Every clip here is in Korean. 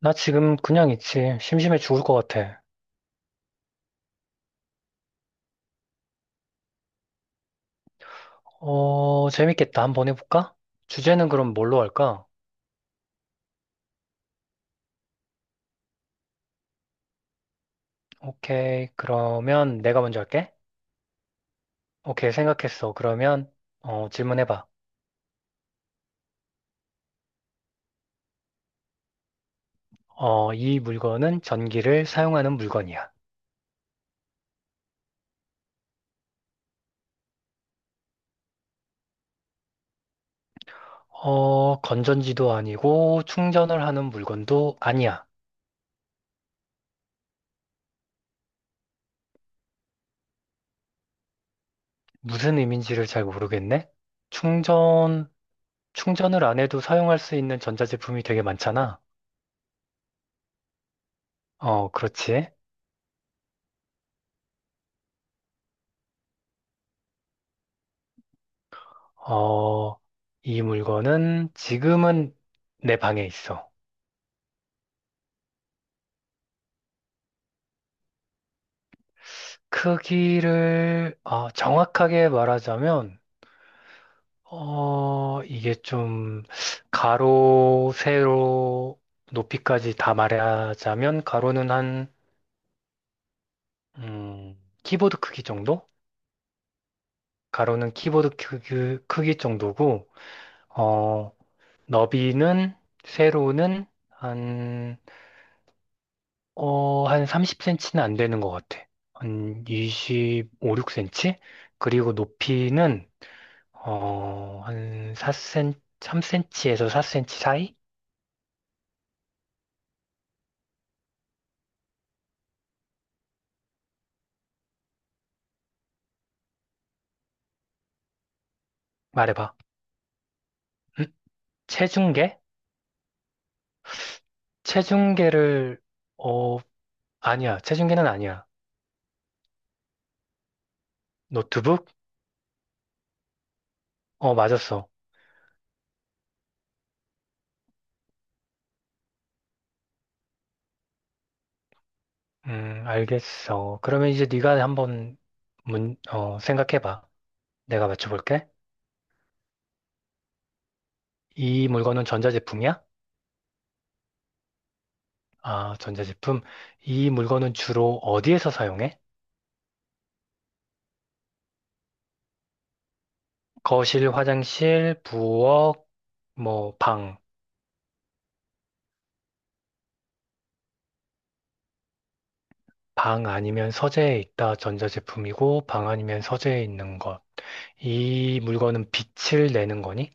나 지금 그냥 있지. 심심해 죽을 것 같아. 어, 재밌겠다. 한번 해볼까? 주제는 그럼 뭘로 할까? 오케이. 그러면 내가 먼저 할게. 오케이. 생각했어. 그러면, 어, 질문해봐. 어, 이 물건은 전기를 사용하는 물건이야. 어, 건전지도 아니고 충전을 하는 물건도 아니야. 무슨 의미인지를 잘 모르겠네? 충전, 충전을 안 해도 사용할 수 있는 전자제품이 되게 많잖아. 어, 그렇지. 어, 이 물건은 지금은 내 방에 있어. 크기를 어, 정확하게 말하자면, 어, 이게 좀 가로, 세로, 높이까지 다 말하자면 가로는 한, 음, 키보드 크기 정도? 가로는 키보드 크기 정도고, 어, 너비는 세로는 한 30cm는 안 되는 것 같아. 한 25, 6cm? 그리고 높이는, 어, 한 4cm, 3cm에서 4cm 사이? 말해봐. 응? 체중계? 체중계를, 어, 아니야. 체중계는 아니야. 노트북? 어, 맞았어. 알겠어. 그러면 이제 네가 한번 생각해봐. 내가 맞춰볼게. 이 물건은 전자제품이야? 아, 전자제품. 이 물건은 주로 어디에서 사용해? 거실, 화장실, 부엌, 뭐, 방. 방 아니면 서재에 있다 전자제품이고, 방 아니면 서재에 있는 것. 이 물건은 빛을 내는 거니?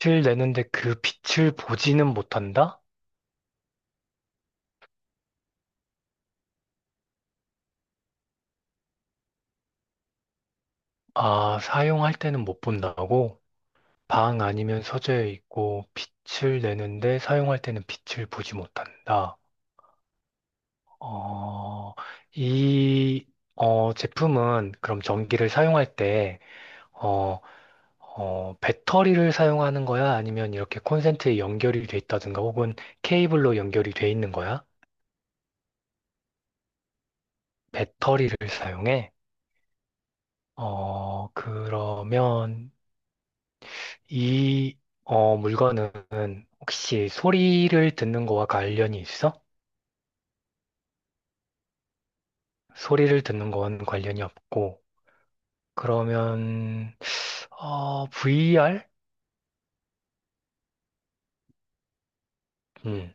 빛을 내는데 그 빛을 보지는 못한다? 아, 사용할 때는 못 본다고? 방 아니면 서재에 있고, 빛을 내는데 사용할 때는 빛을 보지 못한다. 어, 이, 어, 제품은 그럼 전기를 사용할 때, 어, 어, 배터리를 사용하는 거야? 아니면 이렇게 콘센트에 연결이 돼 있다든가 혹은 케이블로 연결이 돼 있는 거야? 배터리를 사용해? 어, 그러면 이 어, 물건은 혹시 소리를 듣는 거와 관련이 있어? 소리를 듣는 건 관련이 없고 그러면 어, VR? 음.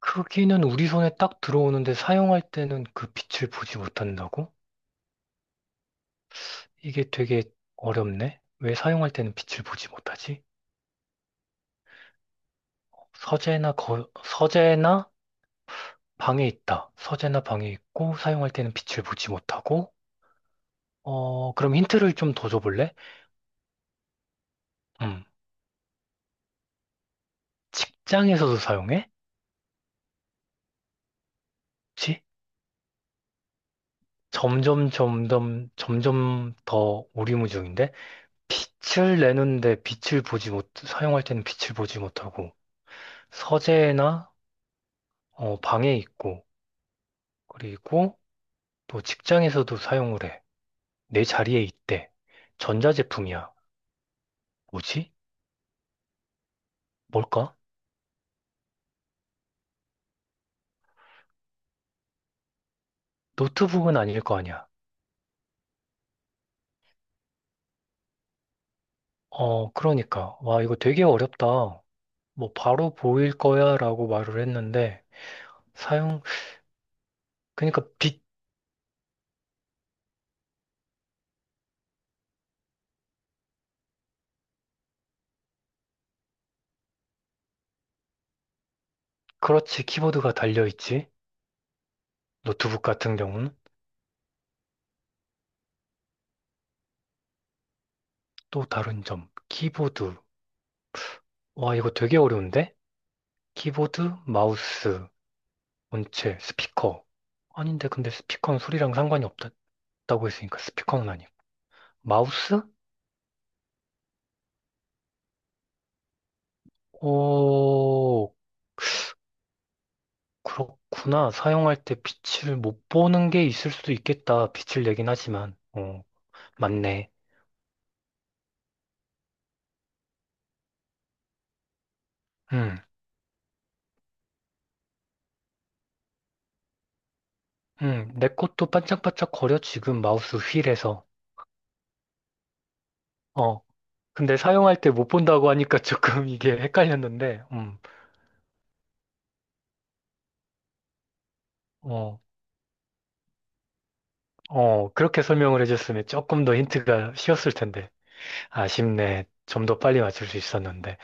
크기는 우리 손에 딱 들어오는데 사용할 때는 그 빛을 보지 못한다고? 이게 되게 어렵네. 왜 사용할 때는 빛을 보지 못하지? 서재나 방에 있다. 서재나 방에 있고 사용할 때는 빛을 보지 못하고. 어, 그럼 힌트를 좀 더 줘볼래? 음, 직장에서도 사용해? 혹시? 점점 점점 점점 더 오리무중인데 빛을 내는데 빛을 보지 못 사용할 때는 빛을 보지 못하고 서재나 어, 방에 있고 그리고 또 직장에서도 사용을 해. 내 자리에 있대. 전자제품이야. 뭐지? 뭘까? 노트북은 아닐 거 아니야. 어, 그러니까. 와, 이거 되게 어렵다. 뭐, 바로 보일 거야 라고 말을 했는데, 사용, 그러니까 빛, 그렇지. 키보드가 달려있지. 노트북 같은 경우는. 또 다른 점. 키보드. 와, 이거 되게 어려운데? 키보드, 마우스, 본체, 스피커. 아닌데, 근데 스피커는 소리랑 상관이 없다고 했으니까 스피커는 아니야. 마우스? 오, 그렇구나. 사용할 때 빛을 못 보는 게 있을 수도 있겠다. 빛을 내긴 하지만. 어, 맞네. 음, 내 것도 반짝반짝 거려, 지금 마우스 휠에서. 어, 근데 사용할 때 못 본다고 하니까 조금 이게 헷갈렸는데, 어, 어, 그렇게 설명을 해줬으면 조금 더 힌트가 쉬웠을 텐데. 아쉽네. 좀 더 빨리 맞출 수 있었는데.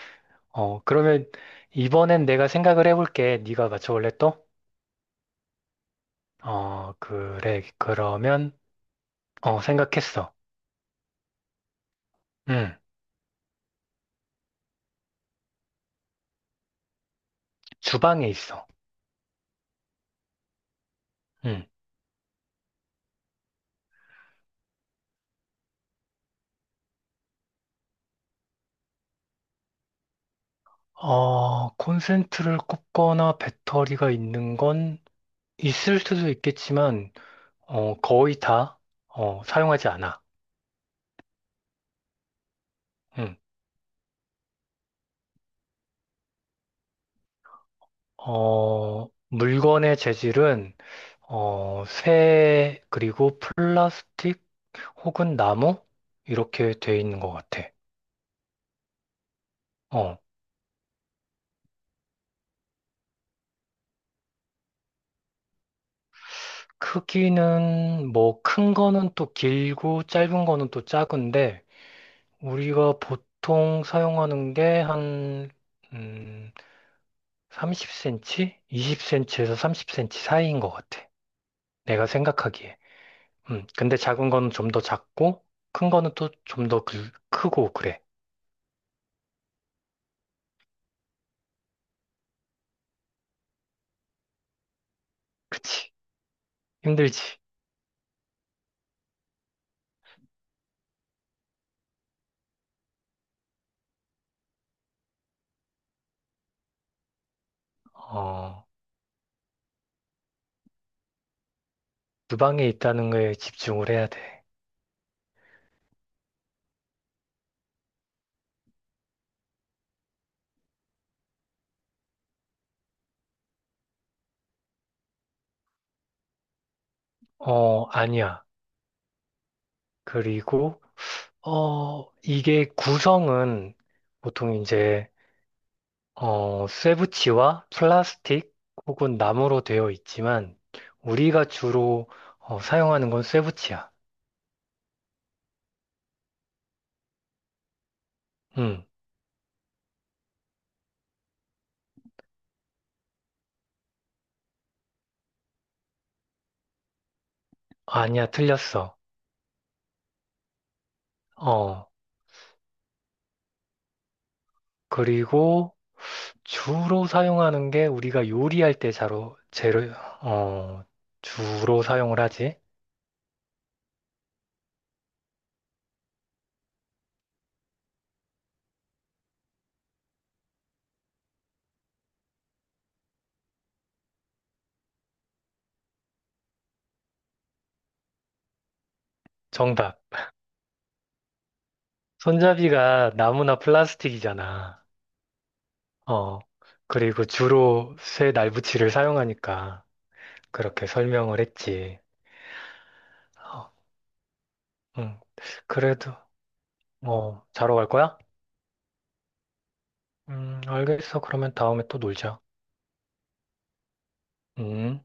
어, 그러면 이번엔 내가 생각을 해볼게. 네가 맞춰볼래 또? 어, 그래. 그러면, 어, 생각했어. 응, 주방에 있어. 응. 어, 콘센트를 꽂거나 배터리가 있는 건 있을 수도 있겠지만, 어, 거의 다, 어, 사용하지 않아. 응. 어, 물건의 재질은, 어, 쇠, 그리고 플라스틱 혹은 나무? 이렇게 돼 있는 것 같아. 어, 크기는, 뭐, 큰 거는 또 길고, 짧은 거는 또 작은데, 우리가 보통 사용하는 게 한, 음, 30cm? 20cm에서 30cm 사이인 것 같아. 내가 생각하기에. 근데 작은 거는 좀 더 작고, 큰 거는 또 좀더 그, 크고, 그래. 그치. 힘들지. 어, 주방에 있다는 거에 집중을 해야 돼. 어, 아니야. 그리고, 어, 이게 구성은 보통 이제 어, 쇠붙이와 플라스틱 혹은 나무로 되어 있지만 우리가 주로 어, 사용하는 건 쇠붙이야. 음 아니야, 틀렸어. 어, 그리고 주로 사용하는 게 우리가 요리할 때 자로 재료 어, 주로 사용을 하지. 정답. 손잡이가 나무나 플라스틱이잖아. 어, 그리고 주로 쇠 날붙이를 사용하니까 그렇게 설명을 했지. 어, 음 그래도 어, 자러 갈 거야? 알겠어. 그러면 다음에 또 놀자. 음.